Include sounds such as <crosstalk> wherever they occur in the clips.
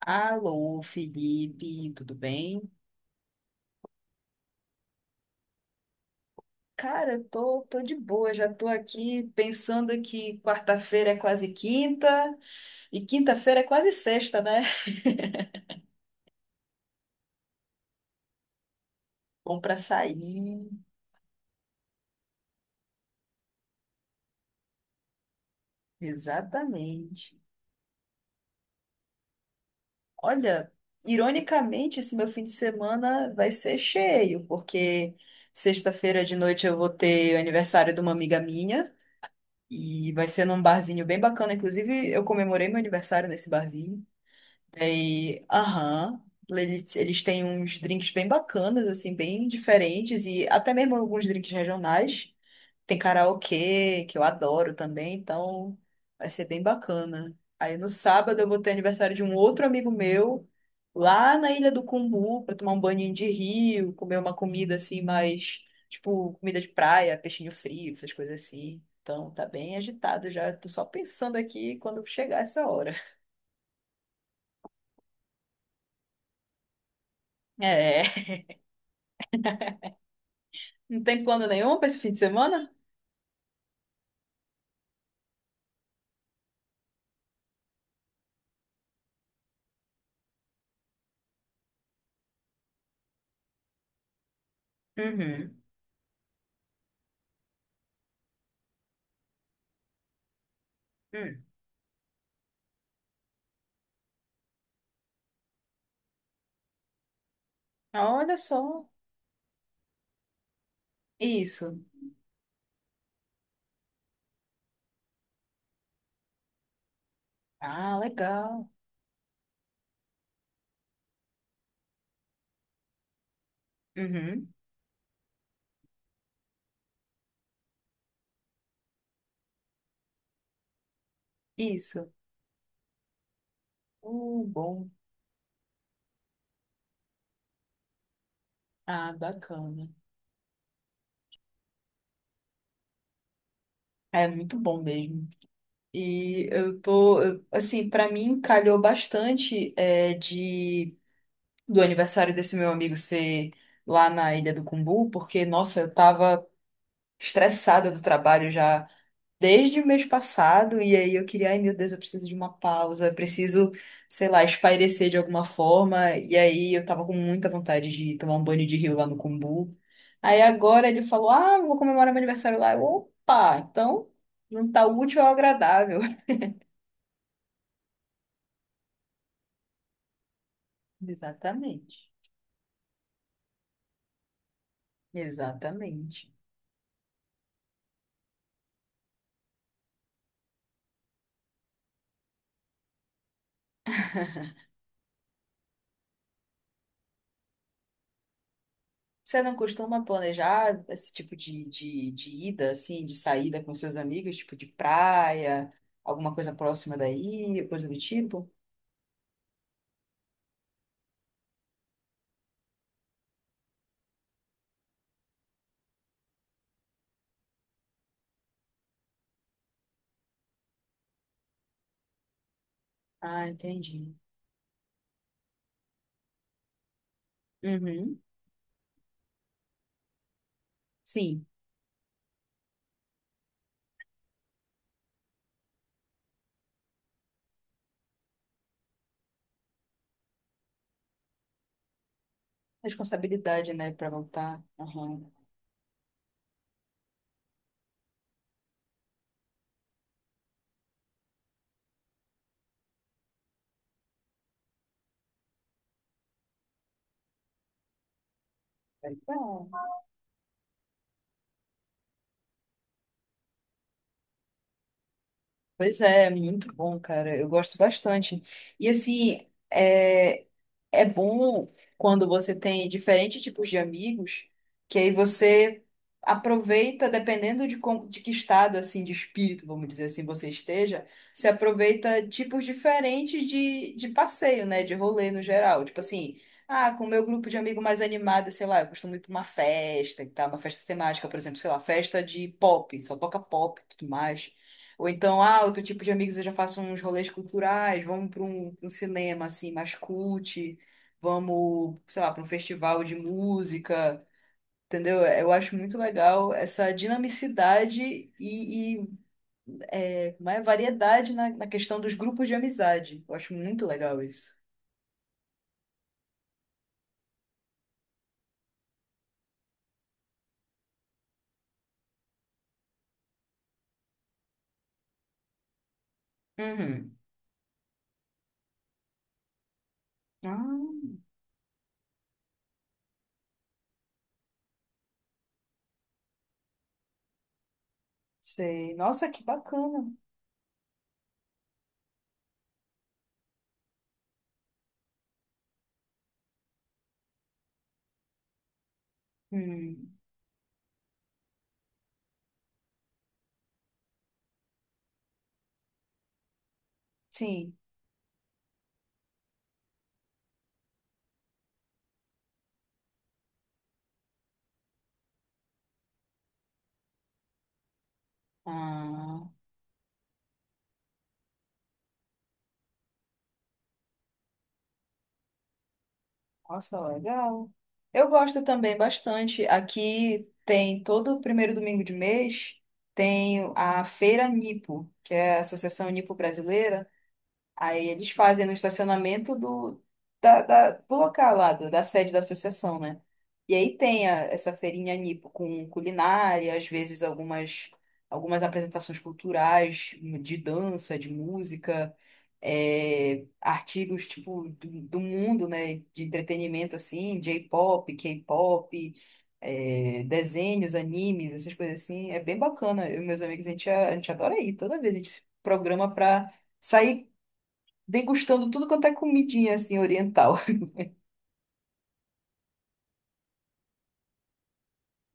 Alô, Felipe, tudo bem? Cara, eu tô de boa, já tô aqui pensando que quarta-feira é quase quinta e quinta-feira é quase sexta, né? <laughs> Bom pra sair, exatamente. Olha, ironicamente, esse meu fim de semana vai ser cheio, porque sexta-feira de noite eu vou ter o aniversário de uma amiga minha e vai ser num barzinho bem bacana. Inclusive, eu comemorei meu aniversário nesse barzinho. E, aham, eles têm uns drinks bem bacanas, assim, bem diferentes, e até mesmo alguns drinks regionais. Tem karaokê, que eu adoro também, então vai ser bem bacana. Aí no sábado eu vou ter aniversário de um outro amigo meu, lá na Ilha do Cumbu, para tomar um banho de rio, comer uma comida assim, mais, tipo, comida de praia, peixinho frito, essas coisas assim. Então tá bem agitado já, tô só pensando aqui quando chegar essa hora. É. Não tem plano nenhum para esse fim de semana? Uhum. Hum. Olha só. Isso. Ah, legal. Uhum. Isso. Bom. Ah, bacana. É muito bom mesmo. E assim, pra mim calhou bastante de do aniversário desse meu amigo ser lá na Ilha do Cumbu, porque, nossa, eu tava estressada do trabalho já desde o mês passado, e aí eu queria, ai meu Deus, eu preciso de uma pausa, eu preciso, sei lá, espairecer de alguma forma, e aí eu tava com muita vontade de tomar um banho de rio lá no Cumbu. Aí agora ele falou, ah, eu vou comemorar meu aniversário lá. Eu, opa, então não tá útil ao agradável. <laughs> Exatamente, exatamente. Você não costuma planejar esse tipo de ida, assim, de saída com seus amigos, tipo de praia, alguma coisa próxima daí, coisa do tipo? Ah, entendi. Uhum. Sim. Responsabilidade, né, para voltar. Aham. Legal. Pois é, muito bom, cara. Eu gosto bastante. E assim, é, é bom quando você tem diferentes tipos de amigos, que aí você aproveita, dependendo de, como, de que estado assim de espírito, vamos dizer assim, você esteja, você aproveita tipos diferentes de passeio, né? De rolê no geral. Tipo assim, ah, com o meu grupo de amigo mais animado, sei lá, eu costumo ir para uma festa e tal, uma festa temática, por exemplo, sei lá, festa de pop, só toca pop e tudo mais. Ou então, ah, outro tipo de amigos eu já faço uns rolês culturais, vamos para pra um cinema assim, mais cult, vamos, sei lá, para um festival de música, entendeu? Eu acho muito legal essa dinamicidade e como é, variedade na questão dos grupos de amizade. Eu acho muito legal isso. Uhum. Ah, sei. Nossa, que bacana. Hum, sim. Ah, nossa, legal. Eu gosto também bastante. Aqui tem todo o primeiro domingo de mês. Tem a Feira Nipo, que é a Associação Nipo Brasileira. Aí eles fazem no estacionamento do local lá, da sede da associação, né? E aí tem essa feirinha nipo com culinária, às vezes algumas, algumas apresentações culturais de dança, de música, artigos tipo do mundo, né? De entretenimento assim, J-pop, K-pop, desenhos, animes, essas coisas assim. É bem bacana. Eu e meus amigos, a gente adora ir. Toda vez a gente se programa pra sair degustando tudo quanto é comidinha assim oriental.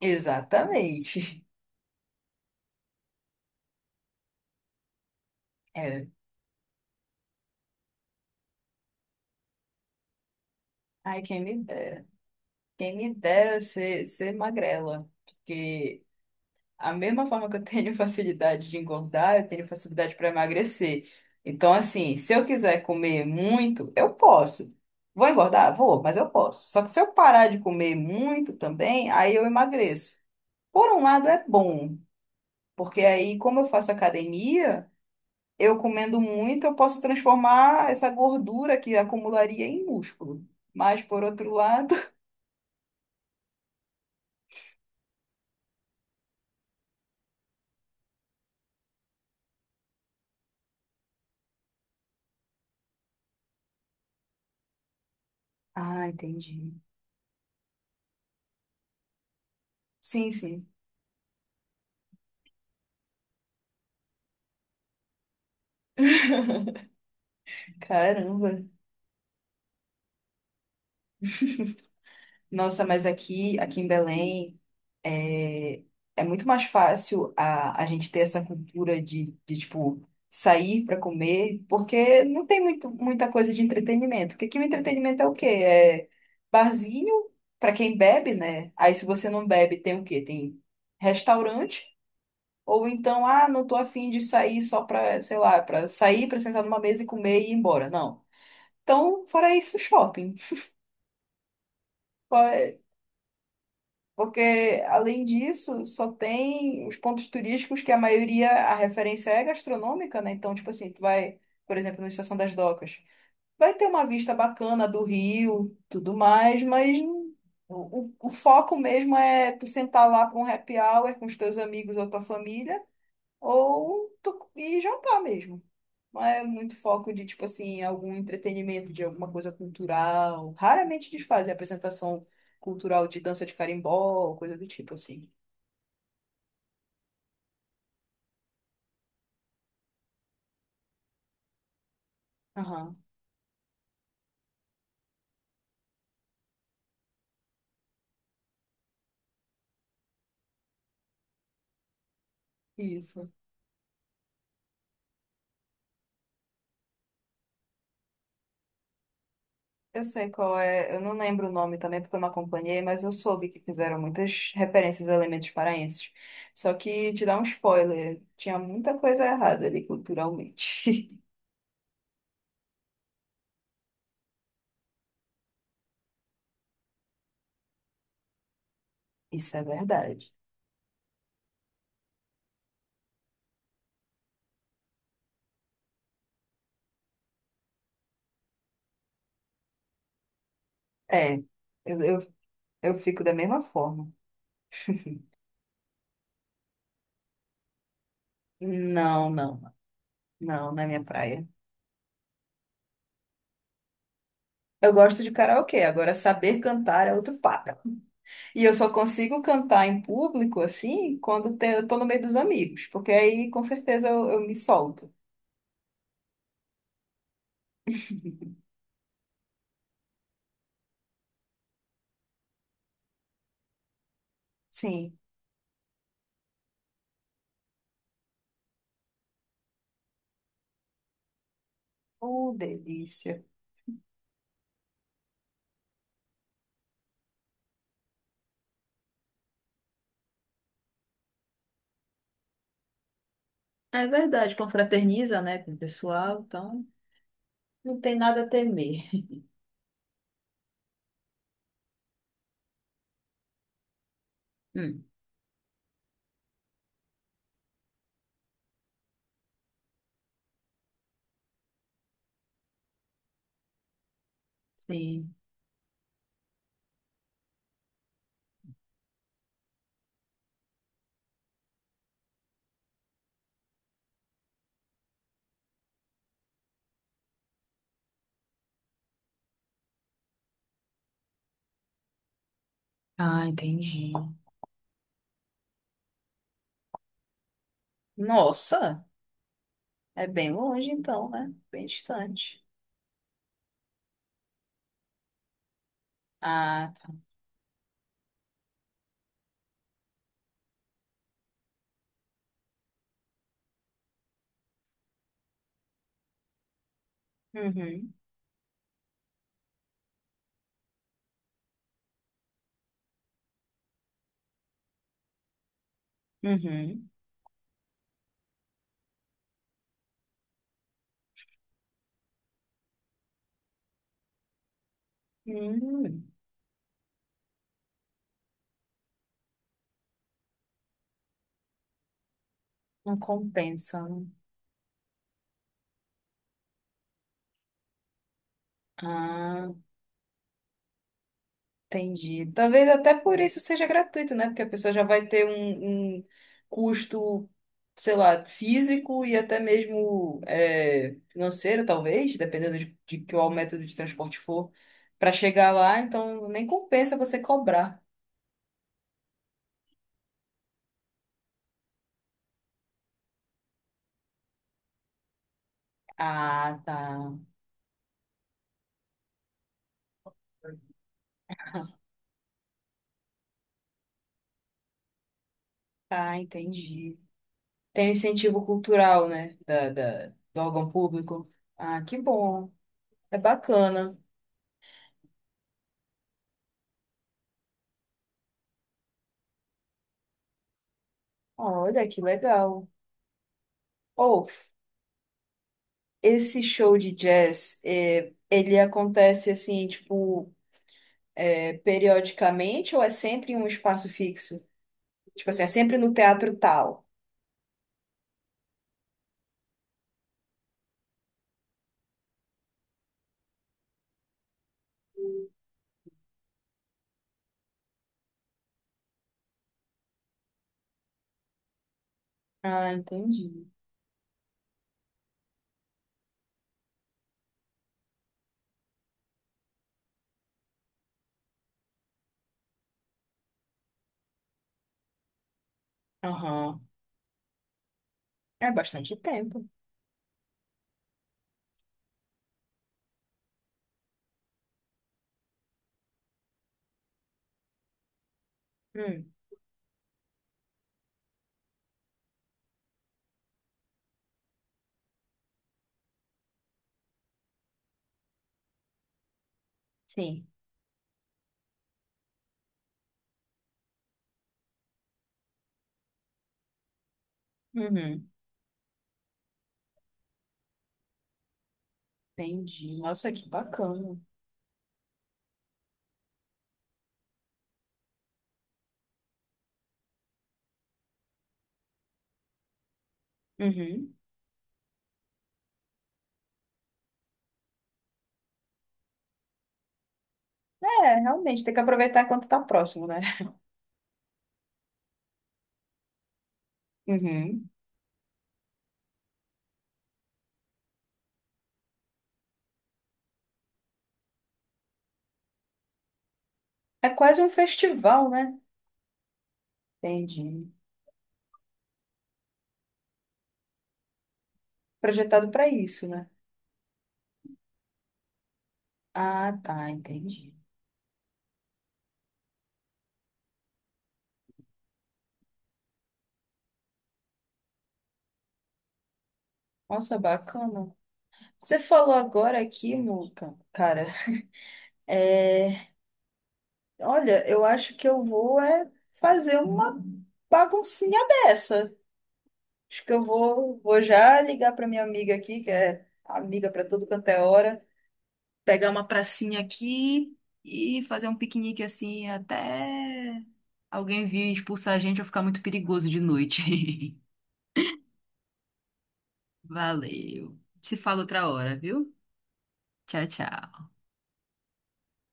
<laughs> Exatamente. É. Ai, quem me dera. Quem me dera ser magrela. Porque a mesma forma que eu tenho <laughs> facilidade de engordar, eu tenho facilidade para emagrecer. Então, assim, se eu quiser comer muito, eu posso. Vou engordar? Vou, mas eu posso. Só que se eu parar de comer muito também, aí eu emagreço. Por um lado é bom, porque aí, como eu faço academia, eu comendo muito, eu posso transformar essa gordura que acumularia em músculo. Mas, por outro lado. <laughs> Ah, entendi. Sim, sim. Caramba. Nossa, mas aqui, aqui em Belém, é, é muito mais fácil a gente ter essa cultura de tipo, sair para comer, porque não tem muito, muita coisa de entretenimento. Porque aqui o entretenimento é o quê? É barzinho para quem bebe, né? Aí, se você não bebe, tem o quê? Tem restaurante. Ou então, ah, não tô afim de sair só pra, sei lá, pra sair, pra sentar numa mesa e comer e ir embora. Não. Então, fora isso, shopping. Fora- porque, além disso, só tem os pontos turísticos que a maioria, a referência é gastronômica, né? Então, tipo assim, tu vai, por exemplo, na Estação das Docas, vai ter uma vista bacana do rio, tudo mais, mas não- o foco mesmo é tu sentar lá pra um happy hour com os teus amigos ou tua família, ou tu ir jantar mesmo. Não é muito foco de, tipo assim, algum entretenimento, de alguma coisa cultural. Raramente eles fazem apresentação cultural de dança de carimbó, coisa do tipo, assim. Aham, isso. Eu sei qual é, eu não lembro o nome também porque eu não acompanhei, mas eu soube que fizeram muitas referências a elementos paraenses. Só que, te dar um spoiler, tinha muita coisa errada ali culturalmente. <laughs> Isso é verdade. É, eu, eu, eu fico da mesma forma. Não, não, não, na minha praia. Eu gosto de karaokê, agora saber cantar é outro papo. E eu só consigo cantar em público, assim, eu tô no meio dos amigos, porque aí com certeza eu me solto. Sim. Oh, delícia. É verdade, confraterniza, né, com o pessoal, então não tem nada a temer. Hum, sim. Ah, entendi. Nossa, é bem longe então, né? Bem distante. Ah, tá. Uhum, uhum. Hum, não compensa, né? Ah. Entendi. Talvez até por isso seja gratuito, né? Porque a pessoa já vai ter um custo, sei lá, físico e até mesmo financeiro, talvez, dependendo de qual método de transporte for, para chegar lá. Então, nem compensa você cobrar. Ah, tá. Ah, entendi. Tem o incentivo cultural, né? Do órgão público. Ah, que bom. É bacana. Olha, que legal. Ou esse show de jazz, é, ele acontece assim, tipo, é, periodicamente ou é sempre em um espaço fixo? Tipo assim, é sempre no teatro tal. Ah, entendi. Aham. É bastante tempo. Hum, sim. Uhum. Entendi. Nossa, que bacana. Uhum. É, realmente, tem que aproveitar enquanto tá próximo, né? Uhum. É quase um festival, né? Entendi. Projetado para isso, né? Ah, tá, entendi. Nossa, bacana. Você falou agora aqui, Muca, cara, é, olha, eu acho que eu vou é fazer uma baguncinha dessa. Acho que eu vou já ligar para minha amiga aqui, que é amiga para tudo quanto é hora, pegar uma pracinha aqui e fazer um piquenique assim até alguém vir expulsar a gente ou ficar muito perigoso de noite. <laughs> Valeu. Se fala outra hora, viu? Tchau, tchau.